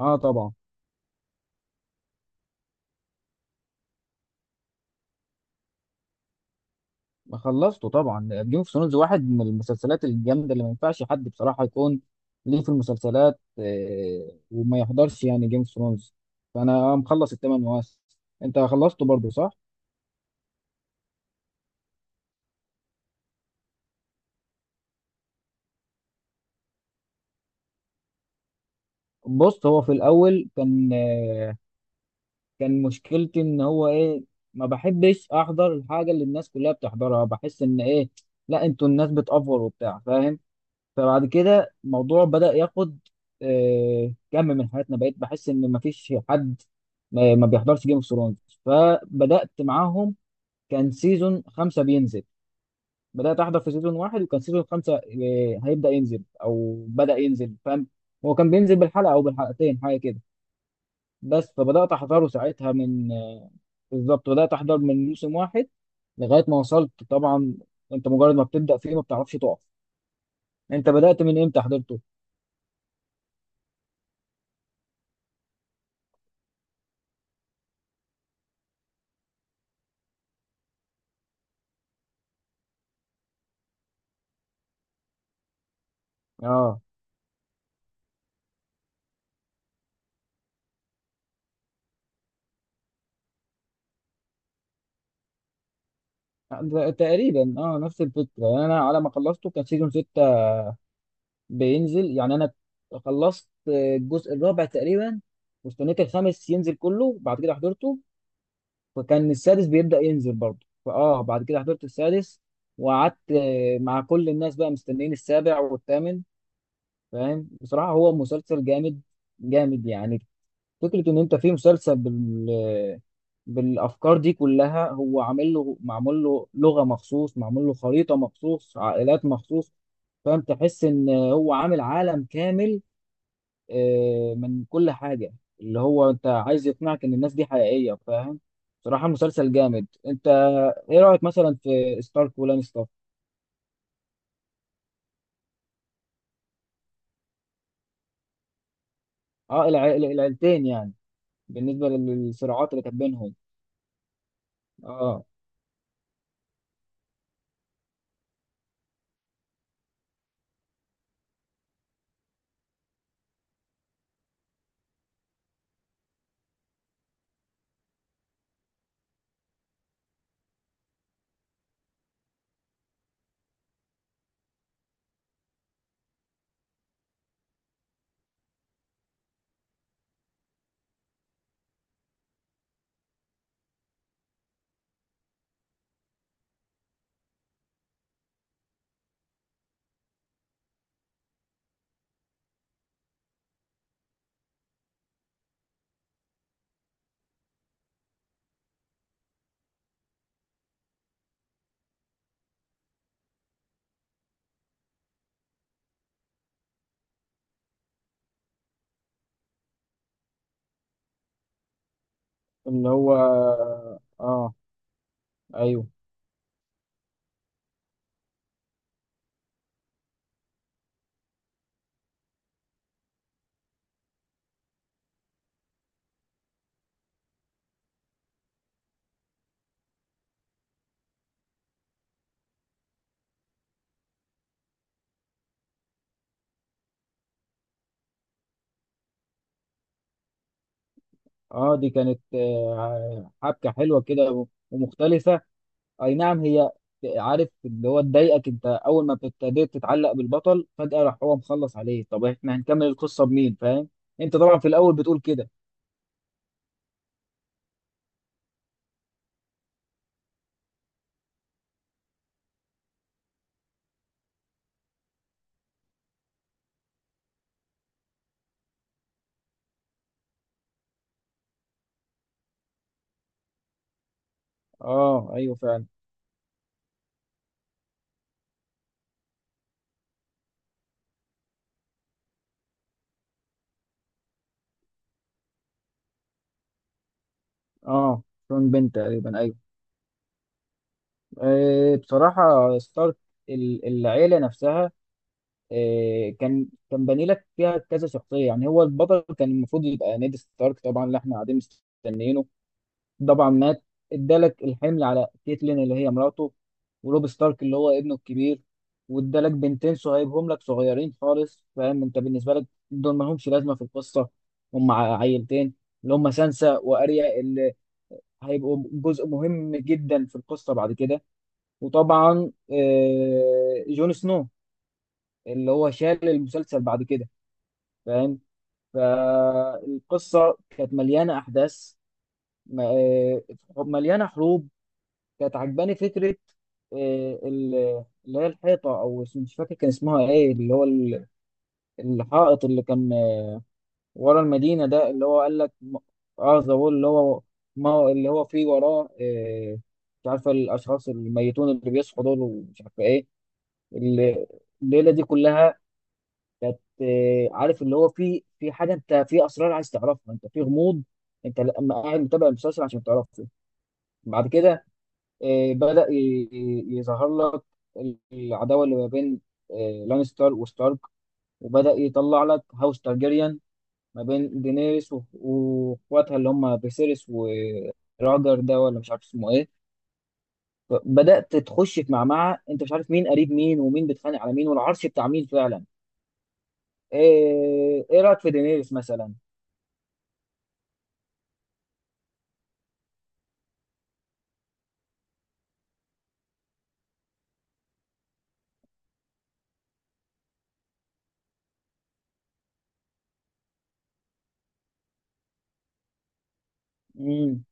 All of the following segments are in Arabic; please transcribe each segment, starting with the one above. اه طبعا. ما خلصته طبعا. جيم اوف ثرونز واحد من المسلسلات الجامده اللي ما ينفعش حد بصراحه يكون ليه في المسلسلات وما يحضرش يعني جيم اوف ثرونز. فانا مخلص الثمان مواسم. انت خلصته برضو صح؟ بص هو في الاول كان كان مشكلتي ان هو ايه، ما بحبش احضر الحاجه اللي الناس كلها بتحضرها. بحس ان ايه، لا انتوا الناس بتأفور وبتاع فاهم. فبعد كده الموضوع بدأ ياخد كم من حياتنا، بقيت بحس ان مفيش حد ما بيحضرش جيم اوف ثرونز. فبدأت معاهم. كان سيزون خمسة بينزل. بدأت أحضر في سيزون واحد وكان سيزون خمسة هيبدأ ينزل أو بدأ ينزل فاهم. هو كان بينزل بالحلقة أو بالحلقتين حاجة كده. بس فبدأت أحضره ساعتها من آه، بالظبط بدأت أحضر من موسم واحد لغاية ما وصلت طبعا. أنت مجرد ما بتبدأ فيه ما بتعرفش تقف. أنت بدأت من إمتى حضرته؟ آه تقريبا نفس الفكره، يعني انا على ما خلصته كان سيزون 6 بينزل. يعني انا خلصت الجزء الرابع تقريبا واستنيت الخامس ينزل كله، بعد كده حضرته. فكان السادس بيبدا ينزل برضه، فاه بعد كده حضرت السادس. وقعدت مع كل الناس بقى مستنيين السابع والثامن فاهم. بصراحه هو مسلسل جامد، جامد يعني. فكرة إن أنت في مسلسل بالأفكار دي كلها، هو عامل له، معمول له لغة مخصوص، معمول له خريطة مخصوص، عائلات مخصوص فاهم. تحس إن هو عامل عالم كامل من كل حاجة، اللي هو أنت عايز يقنعك إن الناس دي حقيقية فاهم. بصراحة مسلسل جامد. أنت إيه رأيك مثلا في ستارك ولانستر؟ أه العيلتين يعني، بالنسبة للصراعات اللي كانت بينهم. أه اللي هو أه أيوه. اه دي كانت حبكه حلوه كده ومختلفه. اي نعم هي. عارف اللي هو تضايقك انت اول ما ابتديت تتعلق بالبطل فجاه راح هو مخلص عليه. طب احنا هنكمل القصه بمين فاهم؟ انت طبعا في الاول بتقول كده. اه ايوه فعلا. اه شون بين تقريبا ايوه. بصراحه ستارك، العيله نفسها، كان باني لك فيها كذا شخصيه. يعني هو البطل كان المفروض يبقى نيد ستارك طبعا اللي احنا قاعدين مستنيينه. طبعا مات. ادالك الحمل على كيتلين اللي هي مراته، وروب ستارك اللي هو ابنه الكبير. وادالك بنتين صهيبهم لك صغيرين خالص فاهم. انت بالنسبه لك دول ما لهمش لازمه في القصه. هم عيلتين اللي هم سانسا واريا اللي هيبقوا جزء مهم جدا في القصه بعد كده. وطبعا جون سنو اللي هو شال المسلسل بعد كده فاهم. فالقصه كانت مليانه احداث، م- آه، مليانه حروب. كانت عجباني فكرة اللي هي الحيطة، أو مش فاكر كان اسمها إيه، اللي هو الحائط اللي كان ورا المدينة ده اللي هو قال لك ذا وول. اللي هو ما هو- اللي هو فيه وراه مش عارفة الأشخاص الميتون اللي بيصحوا دول ومش عارفة إيه. ال- الليلة دي كلها كانت عارف اللي هو فيه في حاجة، أنت في أسرار عايز تعرفها، أنت في غموض. أنت لما قاعد متابع المسلسل عشان تعرفه. بعد كده بدأ يظهر لك العداوة اللي ما بين لانستر وستارك. وبدأ يطلع لك هاوس تارجيريان ما بين دينيريس واخواتها اللي هم فيسيريس وراجر ده، ولا مش عارف اسمه ايه. بدأت تخش في معمعة انت مش عارف مين قريب مين، ومين بيتخانق على مين، والعرش بتاع مين فعلا. إيه رأيك في دينيريس مثلا؟ امم.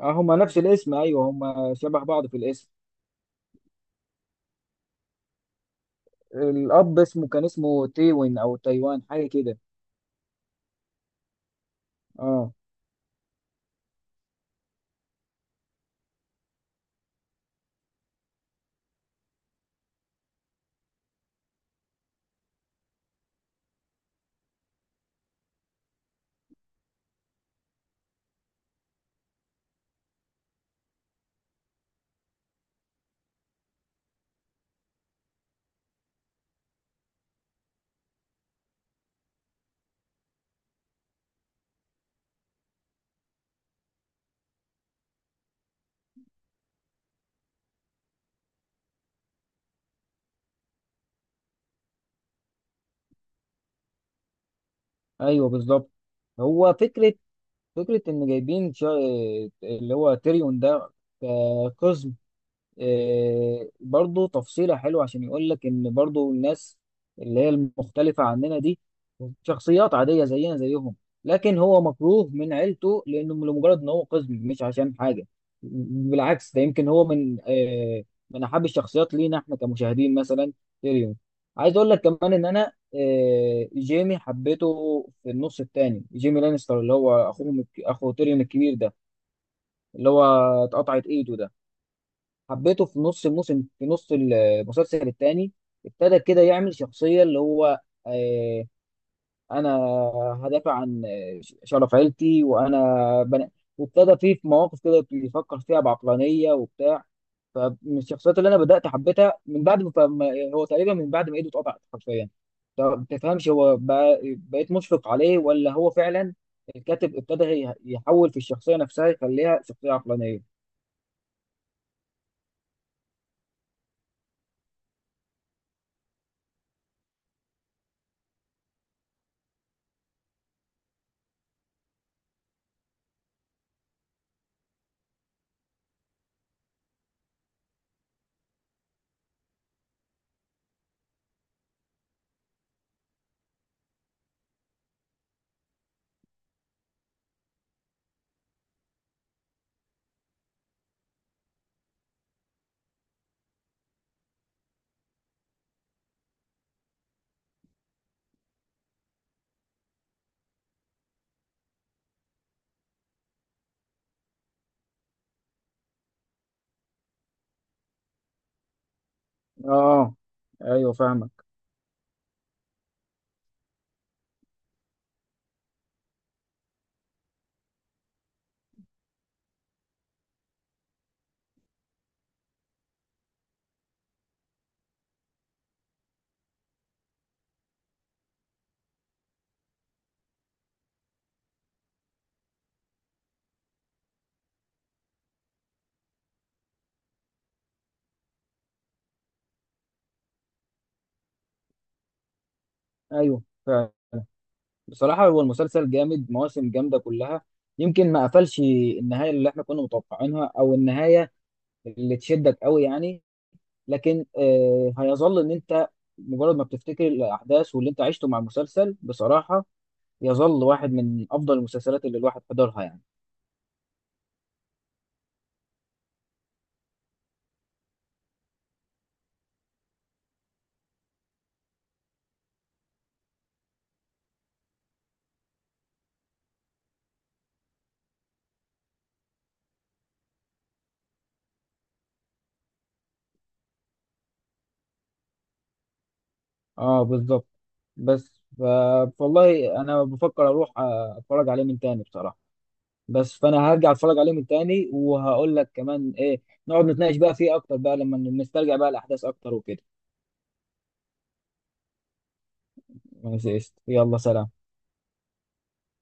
اه هما نفس الاسم ايوه، هما شبه بعض في الاسم. الاب اسمه تيوين او تايوان حاجه كده. اه ايوه بالظبط. هو فكره ان جايبين اللي هو تيريون ده كقزم. إيه، برضو تفصيلة حلوة عشان يقول لك إن برضو الناس اللي هي المختلفة عننا دي شخصيات عادية زينا زيهم. لكن هو مكروه من عيلته لأنه لمجرد إن هو قزم مش عشان حاجة. بالعكس، ده يمكن هو من أحب الشخصيات لينا إحنا كمشاهدين مثلا، تيريون. عايز أقول لك كمان إن أنا جيمي حبيته، في النص التاني. جيمي لانستر اللي هو أخوه أخو تيريون الكبير ده، اللي هو اتقطعت إيده ده. حبيته في نص الموسم، في نص المسلسل الثاني. ابتدى كده يعمل شخصية اللي هو آه انا هدافع عن شرف عيلتي وانا بنا... وابتدى فيه في مواقف كده بيفكر فيها بعقلانية وبتاع. فمن الشخصيات اللي انا بدأت حبيتها من بعد ما هو تقريبا من بعد ما ايده اتقطعت حرفيا. طب ما تفهمش بقيت مشفق عليه، ولا هو فعلا الكاتب ابتدى يحول في الشخصية نفسها يخليها شخصية عقلانية. اه ايوه فاهمك. ايوه فعلا. بصراحه هو المسلسل جامد، مواسم جامده كلها. يمكن ما قفلش النهايه اللي احنا كنا متوقعينها، او النهايه اللي تشدك قوي يعني. لكن هيظل ان انت مجرد ما بتفتكر الاحداث واللي انت عشته مع المسلسل بصراحه، يظل واحد من افضل المسلسلات اللي الواحد حضرها يعني. اه بالظبط. بس ف- والله انا بفكر اروح اتفرج عليه من تاني بصراحه. بس فانا هرجع اتفرج عليه من تاني وهقول لك كمان ايه، نقعد نتناقش بقى فيه اكتر بقى لما نسترجع بقى الاحداث اكتر وكده. ماشي قشطة. يلا سلام.